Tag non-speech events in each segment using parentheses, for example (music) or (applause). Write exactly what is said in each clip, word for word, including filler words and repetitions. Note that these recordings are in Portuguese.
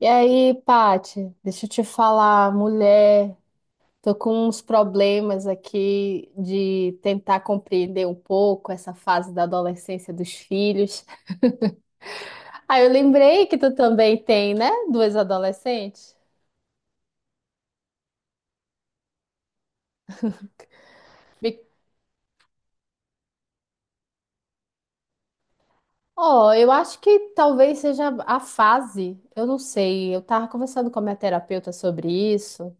E aí, Pati, deixa eu te falar, mulher, tô com uns problemas aqui de tentar compreender um pouco essa fase da adolescência dos filhos. Ah, eu lembrei que tu também tem, né? Duas adolescentes. Me- Ó, eu acho que talvez seja a fase, eu não sei. Eu tava conversando com a minha terapeuta sobre isso,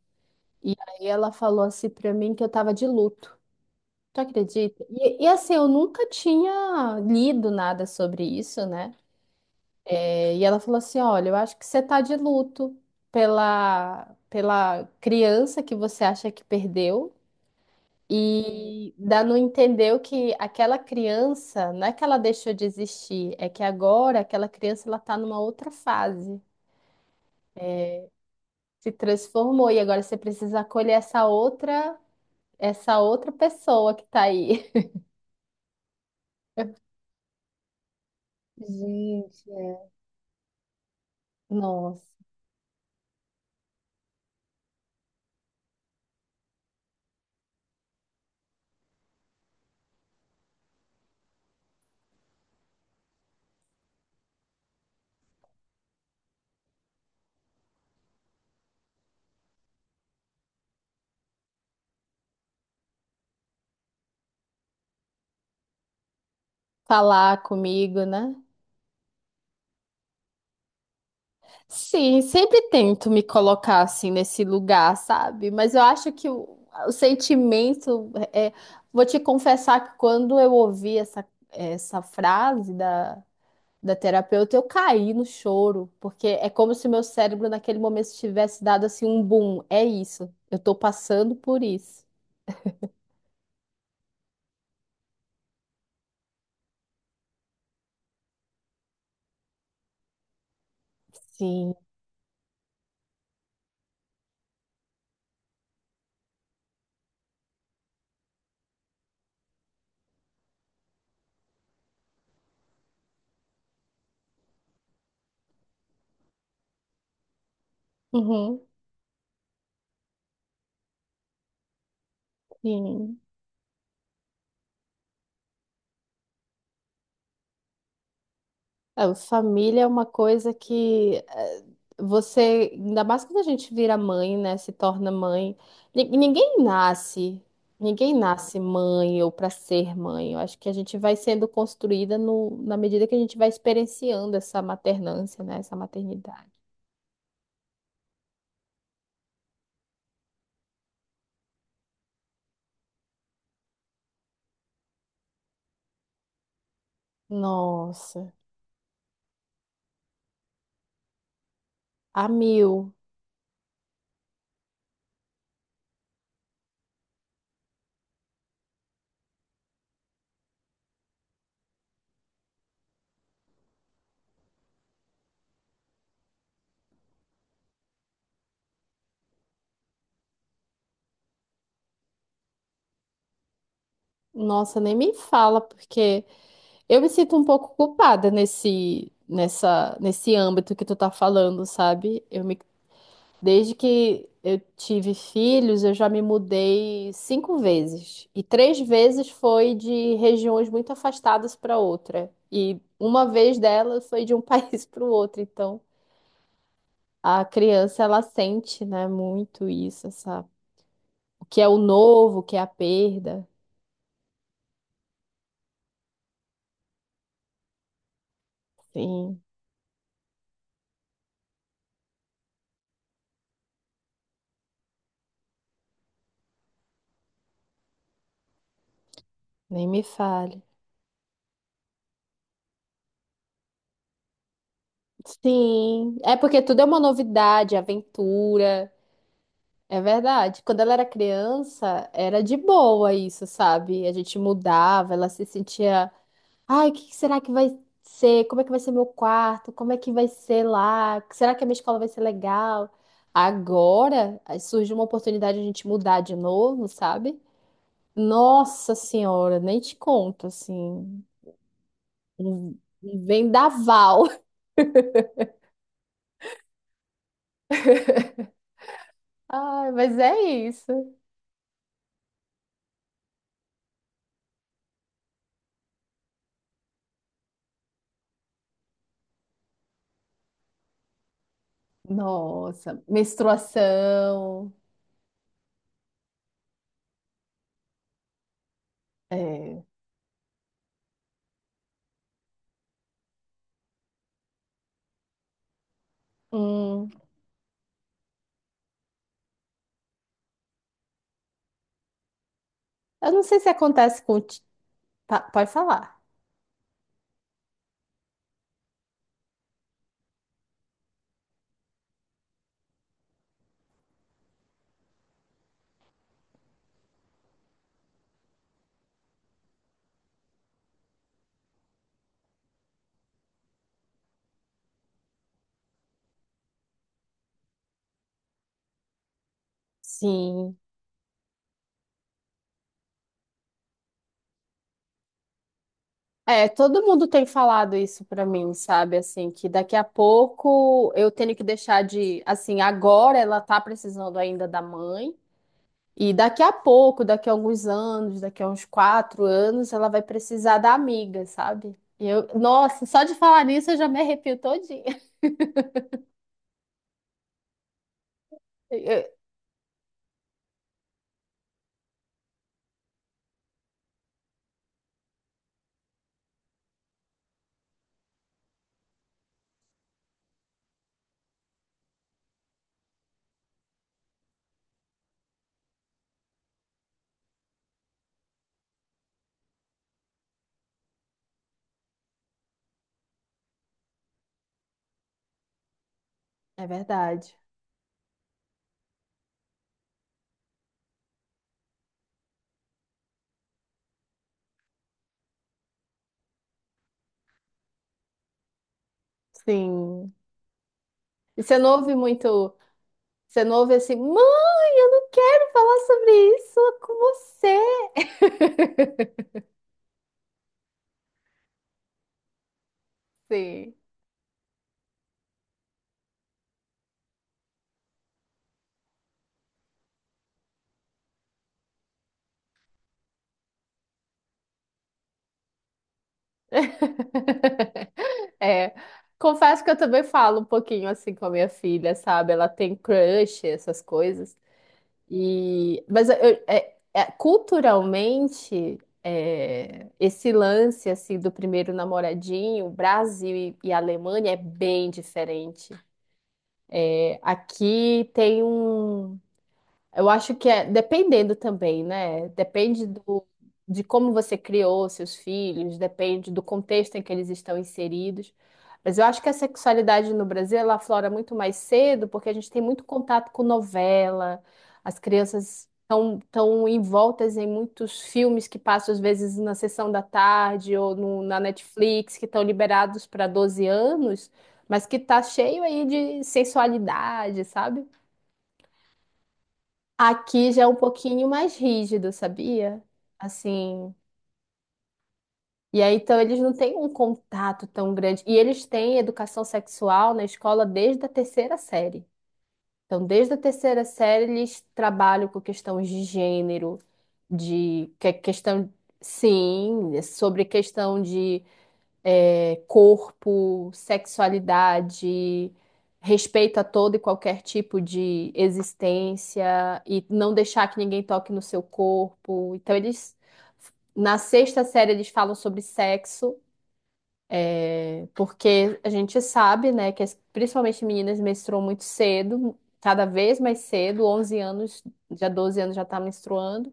e aí ela falou assim pra mim que eu tava de luto. Tu acredita? E, e assim, eu nunca tinha lido nada sobre isso, né? É, e ela falou assim: Olha, eu acho que você tá de luto pela, pela criança que você acha que perdeu, e dá não entendeu que aquela criança, não é que ela deixou de existir, é que agora aquela criança ela tá numa outra fase, se transformou, e agora você precisa acolher essa outra, essa outra pessoa que tá aí. (laughs) Gente, é. Nossa, falar comigo, né? Sim, sempre tento me colocar assim nesse lugar, sabe? Mas eu acho que o, o sentimento é, vou te confessar que quando eu ouvi essa, essa frase da, da terapeuta, eu caí no choro, porque é como se meu cérebro naquele momento tivesse dado assim um boom. É isso, eu tô passando por isso. Sim. Uhum, sim. É, a família é uma coisa que eh, você, ainda mais quando a gente vira mãe, né? Se torna mãe. Ni- Ninguém nasce, ninguém nasce mãe ou para ser mãe. Eu acho que a gente vai sendo construída no, na medida que a gente vai experienciando essa maternância, né? Essa maternidade. Nossa, a mil. Nossa, nem me fala, porque eu me sinto um pouco culpada nesse, nessa, nesse âmbito que tu tá falando, sabe? Eu me desde que eu tive filhos, eu já me mudei cinco vezes. E três vezes foi de regiões muito afastadas para outra. E uma vez delas foi de um (laughs) país para o outro. Então, a criança, ela sente, né, muito isso, essa... o que é o novo, o que é a perda. Sim, nem me fale. Sim, é porque tudo é uma novidade, aventura. É verdade. Quando ela era criança, era de boa isso, sabe? A gente mudava, ela se sentia, ai, o que que será que vai ser? Como é que vai ser meu quarto? Como é que vai ser lá? Será que a minha escola vai ser legal? Agora, aí surge uma oportunidade de a gente mudar de novo, sabe? Nossa Senhora, nem te conto, assim, um um vendaval. (laughs) Ai, mas é isso. Nossa, menstruação. É. Hum. Eu não sei se acontece com. ti- pa- pode falar. Sim. É, todo mundo tem falado isso pra mim, sabe? Assim, que daqui a pouco eu tenho que deixar de. Assim, agora ela tá precisando ainda da mãe. E daqui a pouco, daqui a alguns anos, daqui a uns quatro anos, ela vai precisar da amiga, sabe? E eu, nossa, só de falar nisso eu já me arrepio todinha. (laughs) Eu- É verdade. Sim. E você não ouve muito. Você não ouve assim, mãe, eu não quero falar sobre isso com você. Sim. (laughs) É, confesso que eu também falo um pouquinho assim com a minha filha, sabe? Ela tem crush, essas coisas. E, mas eu- é- é- culturalmente, é, esse lance assim do primeiro namoradinho, Brasil e, e Alemanha é bem diferente. É, aqui tem um eu acho que é dependendo também, né? Depende do, de como você criou seus filhos, depende do contexto em que eles estão inseridos. Mas eu acho que a sexualidade no Brasil ela aflora muito mais cedo, porque a gente tem muito contato com novela, as crianças estão tão envoltas em muitos filmes que passam às vezes na sessão da tarde ou no- na Netflix, que estão liberados para doze anos, mas que tá cheio aí de sensualidade, sabe? Aqui já é um pouquinho mais rígido, sabia? Assim. E aí, então, eles não têm um contato tão grande. E eles têm educação sexual na escola desde a terceira série. Então, desde a terceira série, eles trabalham com questões de gênero, de que- questão, sim, sobre questão de é, corpo, sexualidade, respeito a todo e qualquer tipo de existência e não deixar que ninguém toque no seu corpo. Então eles na sexta série eles falam sobre sexo, é, porque a gente sabe, né, que as- principalmente meninas menstruam muito cedo, cada vez mais cedo, onze anos, já doze anos já está menstruando.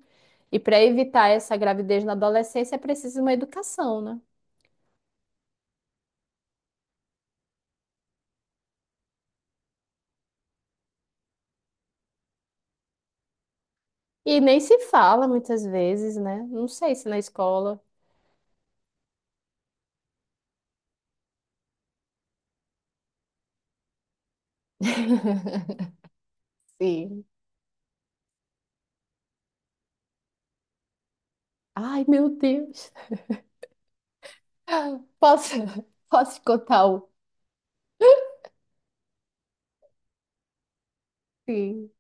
E para evitar essa gravidez na adolescência é preciso uma educação, né? E nem se fala muitas vezes, né? Não sei se na escola. (laughs) Sim. Ai, meu Deus. Posso, (laughs) posso te contar um? Sim.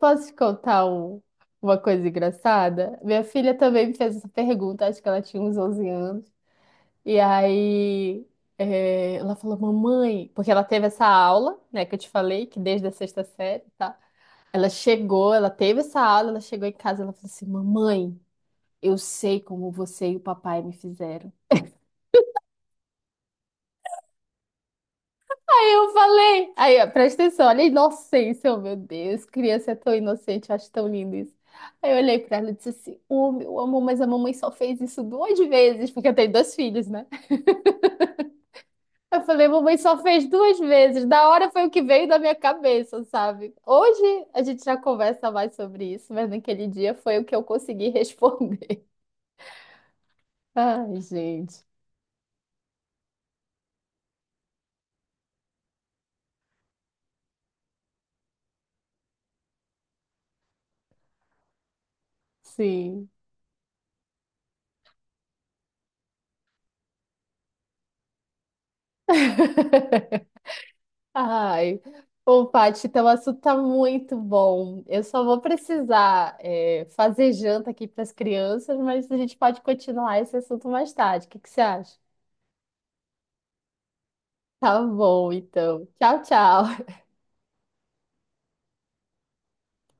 Posso te contar um, uma coisa engraçada? Minha filha também me fez essa pergunta, acho que ela tinha uns onze anos. E aí, é, ela falou, mamãe, porque ela teve essa aula, né, que eu te falei, que desde a sexta série, tá? Ela chegou, ela teve essa aula, ela chegou em casa, ela falou assim, mamãe, eu sei como você e o papai me fizeram. Eu falei. Aí, ó, presta atenção, olha a inocência, oh, meu Deus, criança é tão inocente, eu acho tão lindo isso. Aí eu olhei pra ela e disse assim: Ô, meu amor, mas a mamãe só fez isso duas vezes, porque eu tenho dois filhos, né? Eu falei: mamãe só fez duas vezes, da hora foi o que veio da minha cabeça, sabe? Hoje a gente já conversa mais sobre isso, mas naquele dia foi o que eu consegui responder. (laughs) Ai, gente, sim. (laughs) Ai, ô Paty, teu assunto tá muito bom. Eu só vou precisar é, fazer janta aqui para as crianças, mas a gente pode continuar esse assunto mais tarde. O que que você acha? Tá bom, então. Tchau, tchau.